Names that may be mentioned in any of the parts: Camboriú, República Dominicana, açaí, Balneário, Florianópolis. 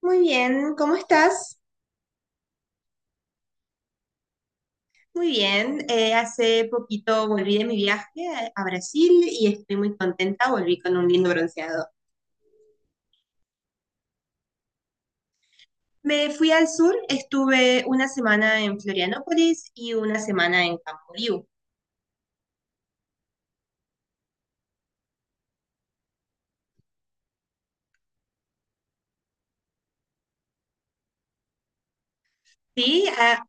Muy bien, ¿cómo estás? Muy bien, hace poquito volví de mi viaje a Brasil y estoy muy contenta, volví con un lindo bronceado. Me fui al sur, estuve una semana en Florianópolis y una semana en Camboriú. Sí, ah,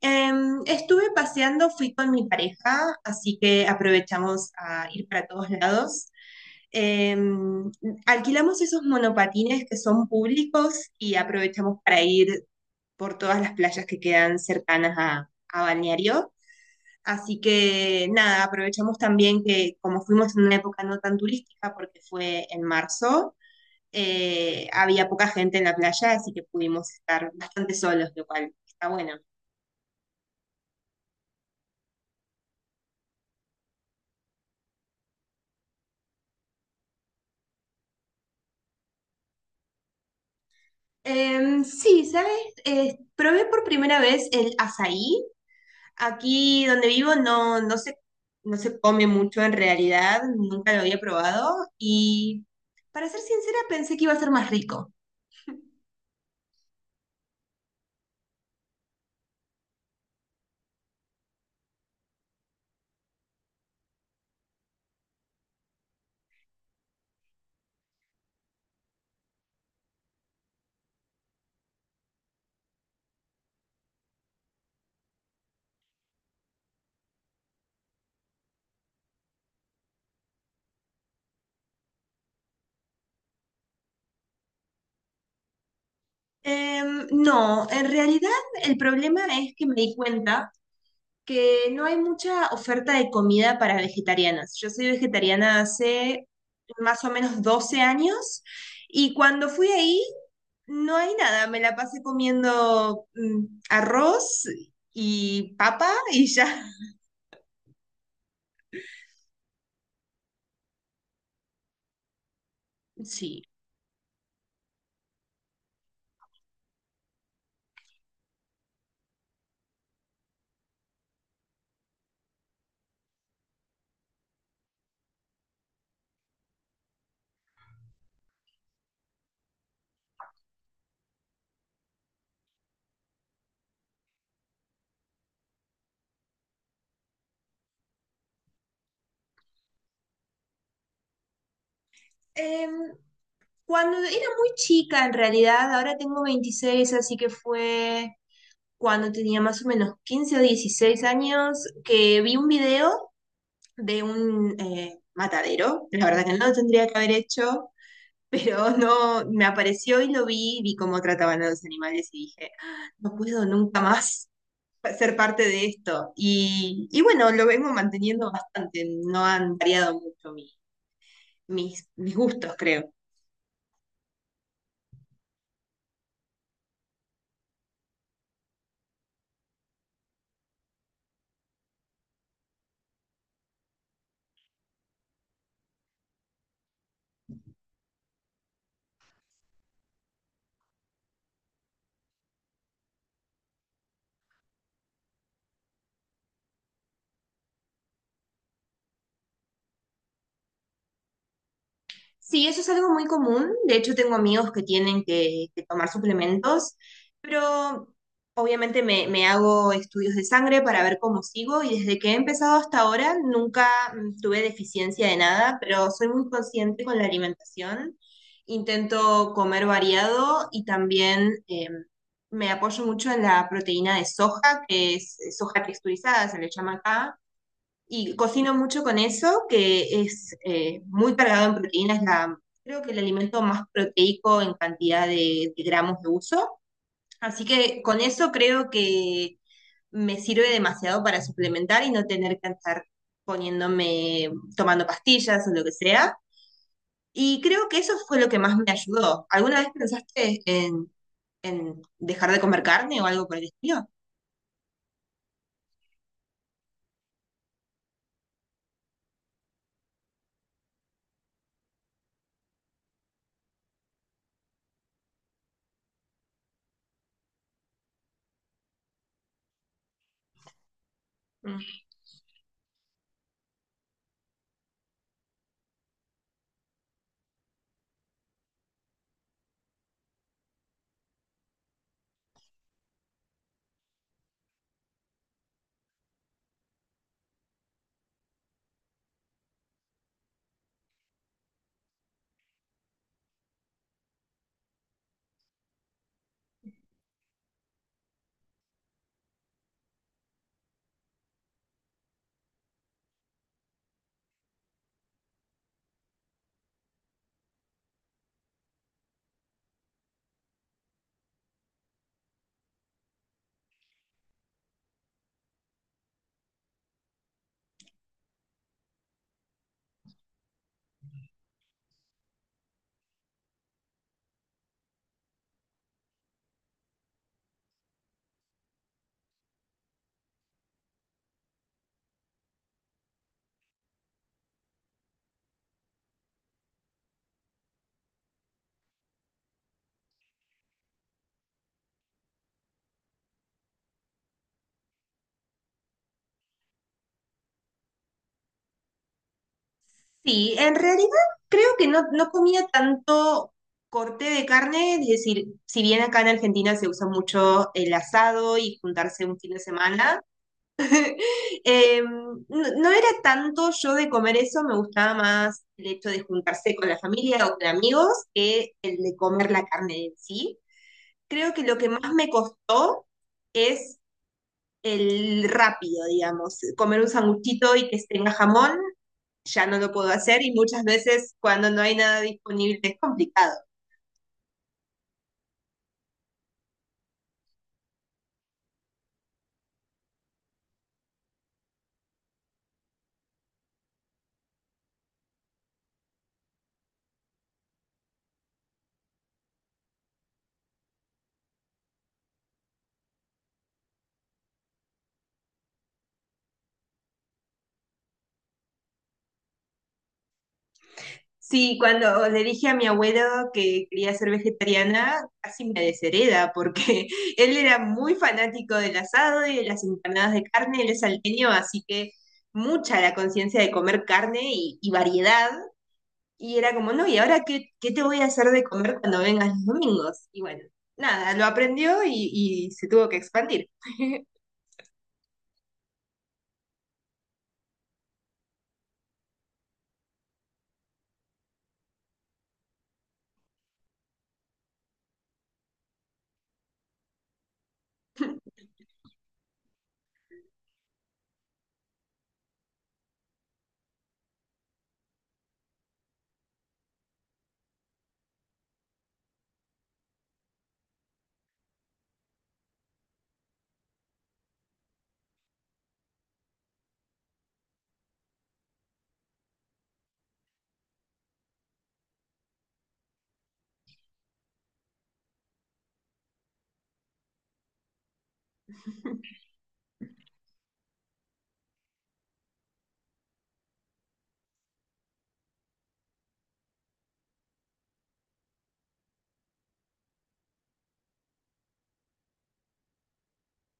estuve paseando, fui con mi pareja, así que aprovechamos a ir para todos lados. Em, Alquilamos esos monopatines que son públicos y aprovechamos para ir por todas las playas que quedan cercanas a Balneario. Así que nada, aprovechamos también que como fuimos en una época no tan turística, porque fue en marzo, había poca gente en la playa, así que pudimos estar bastante solos, lo cual está bueno. Sí, ¿sabes? Probé por primera vez el azaí. Aquí donde vivo no se, no se come mucho en realidad, nunca lo había probado y para ser sincera pensé que iba a ser más rico. No, en realidad el problema es que me di cuenta que no hay mucha oferta de comida para vegetarianas. Yo soy vegetariana hace más o menos 12 años y cuando fui ahí no hay nada. Me la pasé comiendo arroz y papa y ya. Sí. Em, Cuando era muy chica, en realidad, ahora tengo 26, así que fue cuando tenía más o menos 15 o 16 años que vi un video de un matadero. La verdad que no lo tendría que haber hecho, pero no, me apareció y lo vi, vi cómo trataban a los animales y dije: "Ah, no puedo nunca más ser parte de esto. Y bueno, lo vengo manteniendo bastante, no han variado mucho mis gustos, creo. Sí, eso es algo muy común. De hecho, tengo amigos que tienen que tomar suplementos, pero obviamente me hago estudios de sangre para ver cómo sigo y desde que he empezado hasta ahora nunca tuve deficiencia de nada, pero soy muy consciente con la alimentación. Intento comer variado y también me apoyo mucho en la proteína de soja, que es soja texturizada, se le llama acá y cocino mucho con eso, que es muy cargado en proteínas, la, creo que el alimento más proteico en cantidad de gramos de uso. Así que con eso creo que me sirve demasiado para suplementar y no tener que estar poniéndome, tomando pastillas o lo que sea. Y creo que eso fue lo que más me ayudó. ¿Alguna vez pensaste en dejar de comer carne o algo por el estilo? Sí, en realidad creo que no, no comía tanto corte de carne, es decir, si bien acá en Argentina se usa mucho el asado y juntarse un fin de semana, no, no era tanto yo de comer eso, me gustaba más el hecho de juntarse con la familia o con amigos que el de comer la carne en sí. Creo que lo que más me costó es el rápido, digamos, comer un sanguchito y que tenga jamón ya no lo puedo hacer y muchas veces cuando no hay nada disponible es complicado. Sí, cuando le dije a mi abuelo que quería ser vegetariana, casi me deshereda porque él era muy fanático del asado y de las empanadas de carne, él es salteño, así que mucha la conciencia de comer carne y variedad. Y era como, no, ¿y ahora qué, qué te voy a hacer de comer cuando vengas los domingos? Y bueno, nada, lo aprendió y se tuvo que expandir.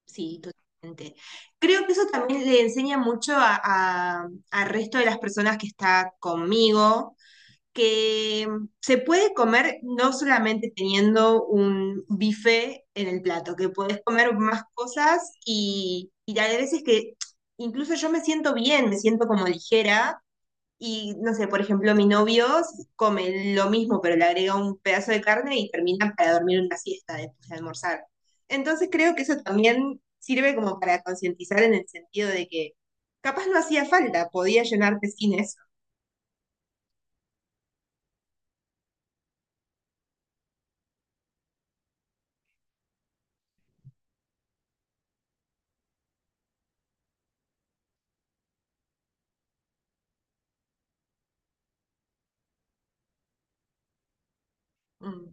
Sí, totalmente. Creo que eso también le enseña mucho a, al resto de las personas que está conmigo, que se puede comer no solamente teniendo un bife en el plato, que podés comer más cosas y hay veces que incluso yo me siento bien, me siento como ligera y no sé, por ejemplo, mi novio come lo mismo, pero le agrega un pedazo de carne y termina para dormir una siesta después de almorzar. Entonces creo que eso también sirve como para concientizar en el sentido de que capaz no hacía falta, podía llenarte sin eso. Mm.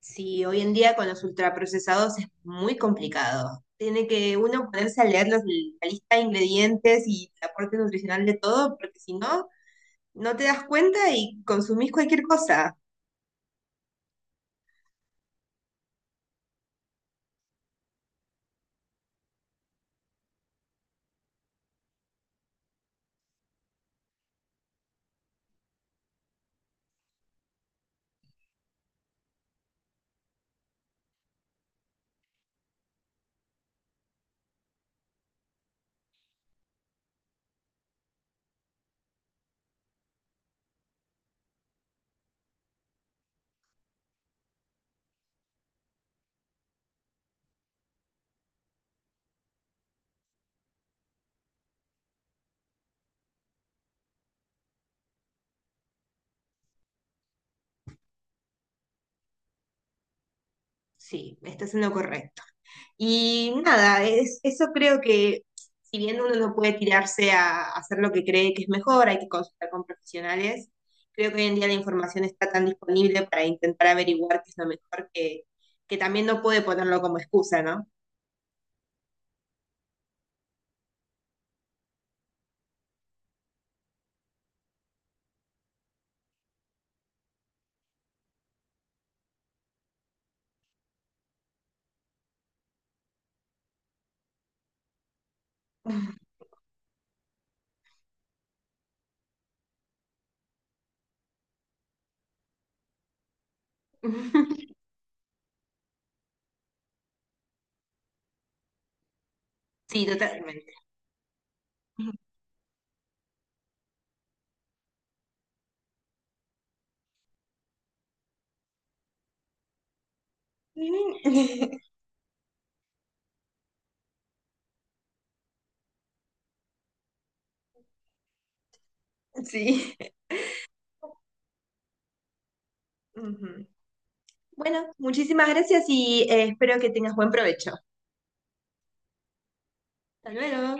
Sí, hoy en día con los ultraprocesados es muy complicado. Tiene que uno ponerse a leer la lista de ingredientes y el aporte nutricional de todo, porque si no, no te das cuenta y consumís cualquier cosa. Sí, estás en lo correcto. Y nada, es, eso creo que si bien uno no puede tirarse a hacer lo que cree que es mejor, hay que consultar con profesionales, creo que hoy en día la información está tan disponible para intentar averiguar qué es lo mejor que también no puede ponerlo como excusa, ¿no? Sí, totalmente. Sí. Ujú. Bueno, muchísimas gracias y espero que tengas buen provecho. Hasta luego.